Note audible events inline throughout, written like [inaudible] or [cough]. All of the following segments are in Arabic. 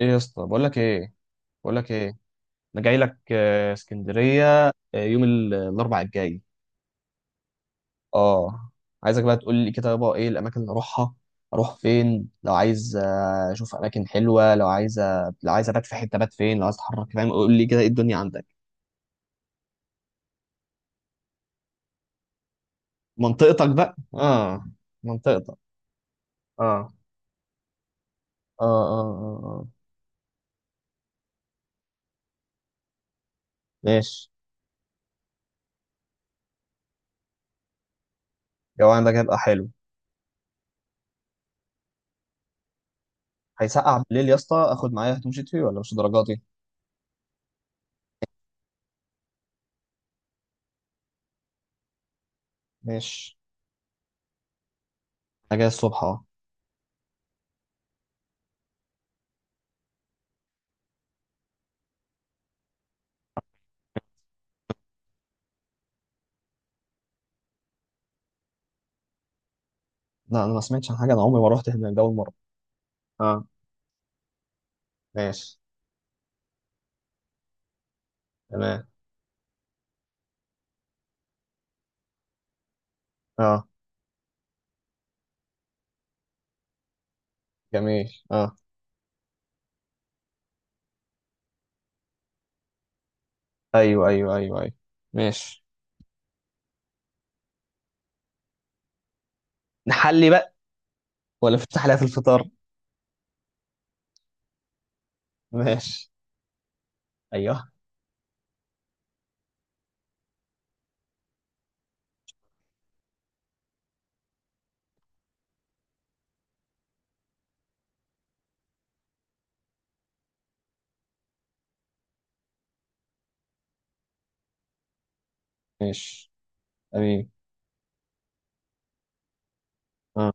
ايه يا اسطى، بقول لك ايه. انا جاي لك اسكندريه، يوم الاربع الجاي. اه عايزك بقى تقول لي كده بقى ايه الاماكن اللي اروحها، اروح فين لو عايز اشوف اماكن حلوه، لو عايز لو عايز ابات في حته، بات فين لو عايز اتحرك. فاهم؟ قول لي كده ايه الدنيا عندك. منطقتك بقى، اه، منطقتك. اه، اه، اه. ماشي. الجو عندك هيبقى حلو. هيسقع بالليل يا اسطى؟ اخد معايا هدوم شتوي ولا مش درجاتي؟ ماشي. انا جاي الصبح، اه. لا، انا ما سمعتش عن حاجه، انا عمري ما رحت هناك، ده اول مره. اه. ماشي. تمام. اه، جميل. اه. ايوه. ماشي. نحلي بقى ولا نفتح لها في الفطار؟ ماشي. ايوه. ماشي. امين. اه.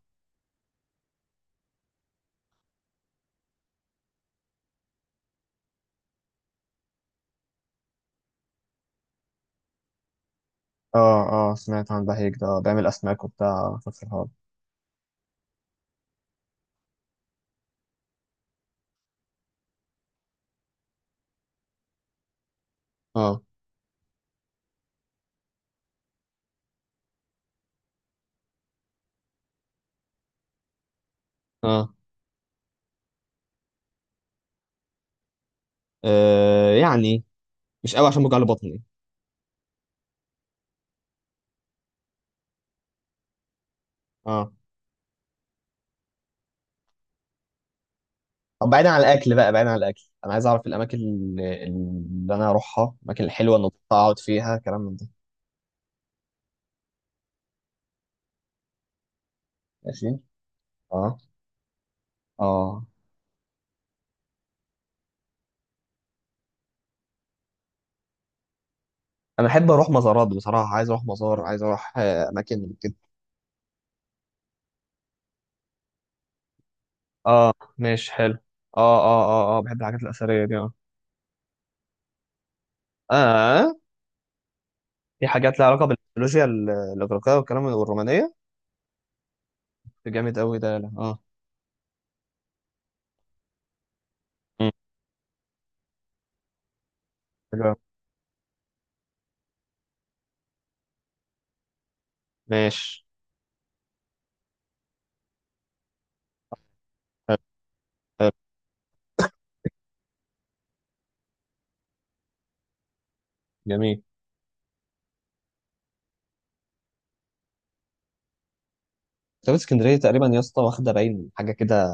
اه. اه، سمعت عن بهيج ده، بيعمل اسماك وبتاع في الفرهاد. اه. اه. يعني مش قوي عشان بوجع لي بطني. اه. طب بعيدا عن الاكل بقى، بعيدا عن الاكل، انا عايز اعرف الاماكن اللي انا اروحها، الاماكن الحلوه اللي اقعد فيها، كلام من ده. ماشي. اه. اه. انا احب اروح مزارات بصراحه، عايز اروح مزار، عايز اروح اماكن كده. اه. ماشي، حلو. اه، بحب الحاجات الاثريه دي، اه. اه. في حاجات لها علاقه بالميثولوجيا الاغريقيه والكلام، والرومانيه. جامد قوي ده، لا. اه. مم. حلو أوي. ماشي، حلو. حلو. جميل. مكتبة اسكندرية تقريبا يا اسطى واخدة باين حاجة كده،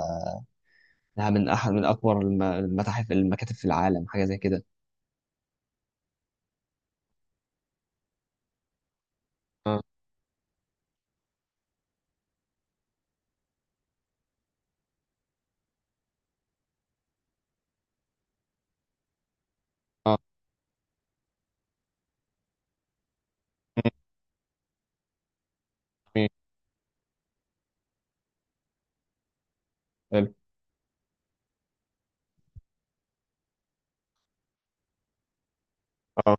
إنها من أحد من أكبر المتاحف المكاتب في العالم، حاجة زي كده. اه. اه. مم. جميل. حلو. اه.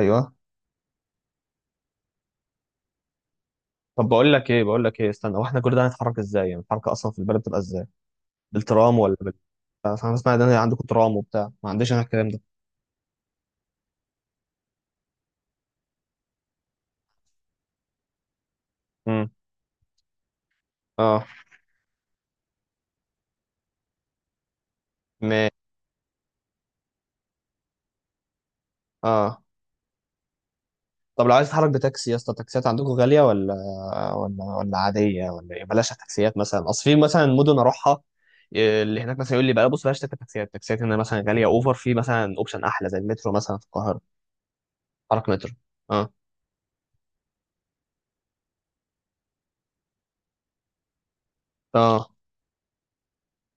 ايوه. طب بقول لك ايه استنى، واحنا كل ده هنتحرك ازاي؟ يعني الحركه اصلا في البلد بتبقى ازاي؟ بالترام ولا فانا اسمع ان انا عندكم ترام وبتاع، ما عنديش انا الكلام ده. امم. اه. ما اه طب لو عايز تتحرك بتاكسي يا اسطى، التاكسيات عندكم غاليه ولا ولا عاديه ولا إيه؟ بلاش تاكسيات مثلا، اصل في مثلا مدن اروحها، إيه، اللي هناك مثلا يقول لي بقى بص بلاش تركب تاكسيات، التاكسيات هنا مثلا غاليه اوفر، في مثلا اوبشن احلى زي المترو مثلا في القاهره، حرك مترو. اه. اه.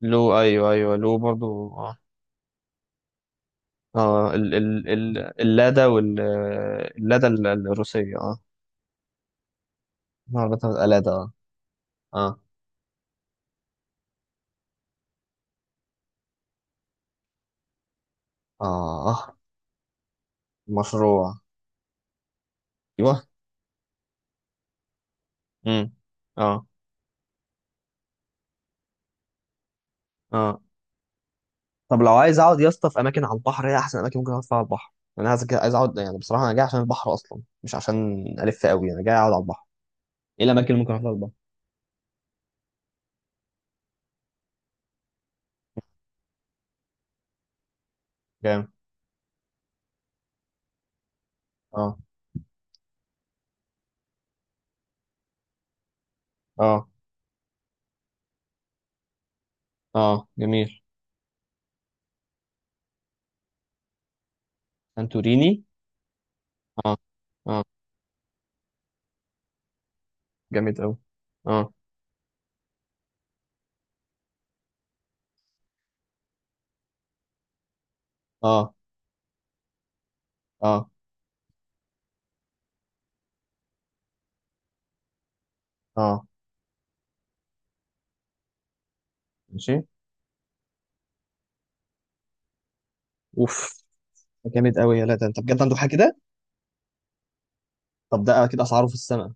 لو ايوه، ايوه لو برضو، اه. اه، ال اللادا وال اللادا الروسيه، اه. عربيتها الادا، اه. اه. اه، مشروع. ايوه. امم. اه. اه. طب لو عايز اقعد يا اسطى في اماكن على البحر، هي احسن اماكن ممكن اقعد فيها على البحر؟ يعني انا عايز، عايز اقعد يعني بصراحه انا جاي عشان البحر اصلا، مش عشان الف قوي، انا جاي اقعد على البحر. ايه الاماكن اللي ممكن اقعد على البحر؟ جامد. اه. اه. اه، جميل. سانتوريني. اه. اه. جامد قوي. اه. اه. اه. اه. ماشي. اوف، ده جامد قوي، يا لا ده انت بجد عندك حاجه كده. طب ده كده اسعاره في السماء؟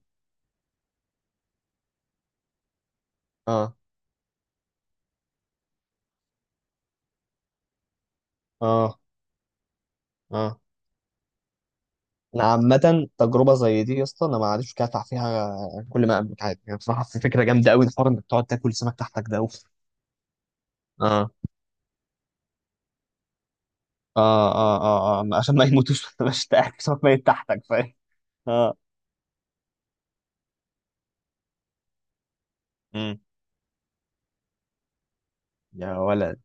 اه. اه. اه، انا عامة تجربة زي دي يا اسطى انا ما عادش كافح فيها، كل ما املك عادي يعني، بصراحة في فكرة جامدة قوي الحوار انك تقعد تاكل سمك تحتك ده اوف. اه. اه. اه. اه، عشان ما يموتوش، ما تبقاش [laughs] تاكل سمك ميت تحتك، فاهم. اه. امم. يا ولد،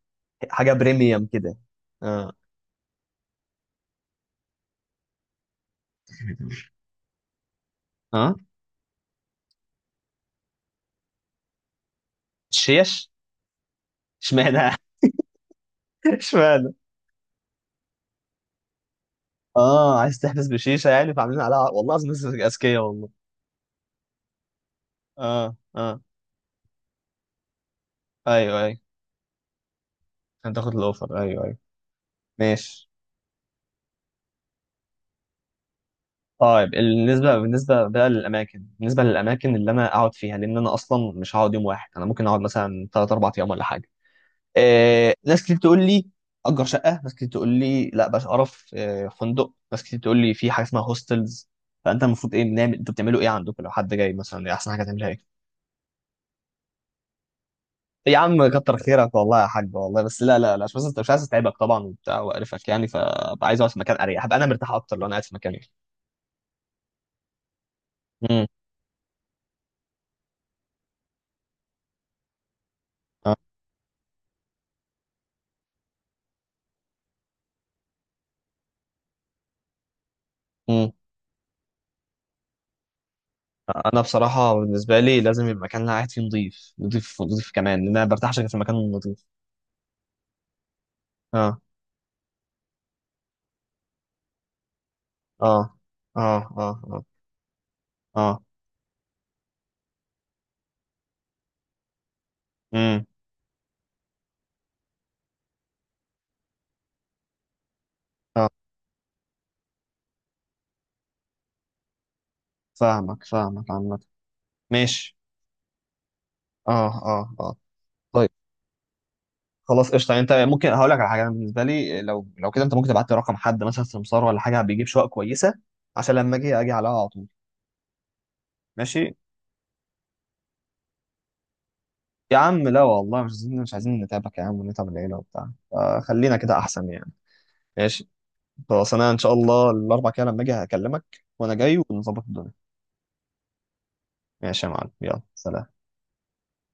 حاجة بريميوم كده. اه. اه، شيش. اشمعنى؟ [laughs] اشمعنى؟ اه، عايز تحبس بشيشة يعني، فعاملين عليها والله العظيم، ناس اذكياء والله. اه. اه. ايوه، ايوه، عشان تاخد الاوفر، ايوه ايوه. ماشي. اه، بالنسبه للاماكن اللي انا اقعد فيها، لان انا اصلا مش هقعد يوم واحد، انا ممكن اقعد مثلا 3 4 ايام ولا حاجه. آه، ناس كتير تقول لي اجر شقه، ناس كتير تقول لي لا بس اعرف آه فندق، ناس كتير تقول لي في حاجه اسمها هوستلز. فانت المفروض ايه، بنعمل انتوا بتعملوا ايه عندكم لو حد جاي مثلا؟ إيه احسن حاجه تعملها، ايه؟ يا عم كتر [laughs] خيرك والله يا حاج، والله بس لا لا لا، مش بس انت، مش عايز اتعبك طبعا وبتاع وقرفك يعني، فابقى عايز اقعد في مكان اريح، هبقى انا مرتاح اكتر لو انا قاعد في مكان يعني. امم. انا بصراحه بالنسبه لي لازم يبقى المكان اللي أنا قاعد فيه نظيف نظيف نظيف كمان، لان انا ما برتاحش غير في المكان النظيف. اه. اه. اه. اه. اه. اه. آه، امم. اه، فاهمك فاهمك عامه. ماشي. اه. اه. اه. طيب، خلاص قشطه. انت ممكن هقول لك على حاجه، أنا بالنسبه لي لو، لو كده انت ممكن تبعت لي رقم حد مثلا سمسار ولا حاجه بيجيب شقق كويسه، عشان لما اجي اجي عليها على طول. ماشي. يا عم لا والله، مش عايزين نتعبك يا عم ونتعب العيله وبتاع، آه خلينا كده احسن يعني. ماشي. خلاص، انا ان شاء الله الاربع كده لما اجي هكلمك، وانا جاي ونظبط الدنيا. ماشي يا معلم، يلا سلام.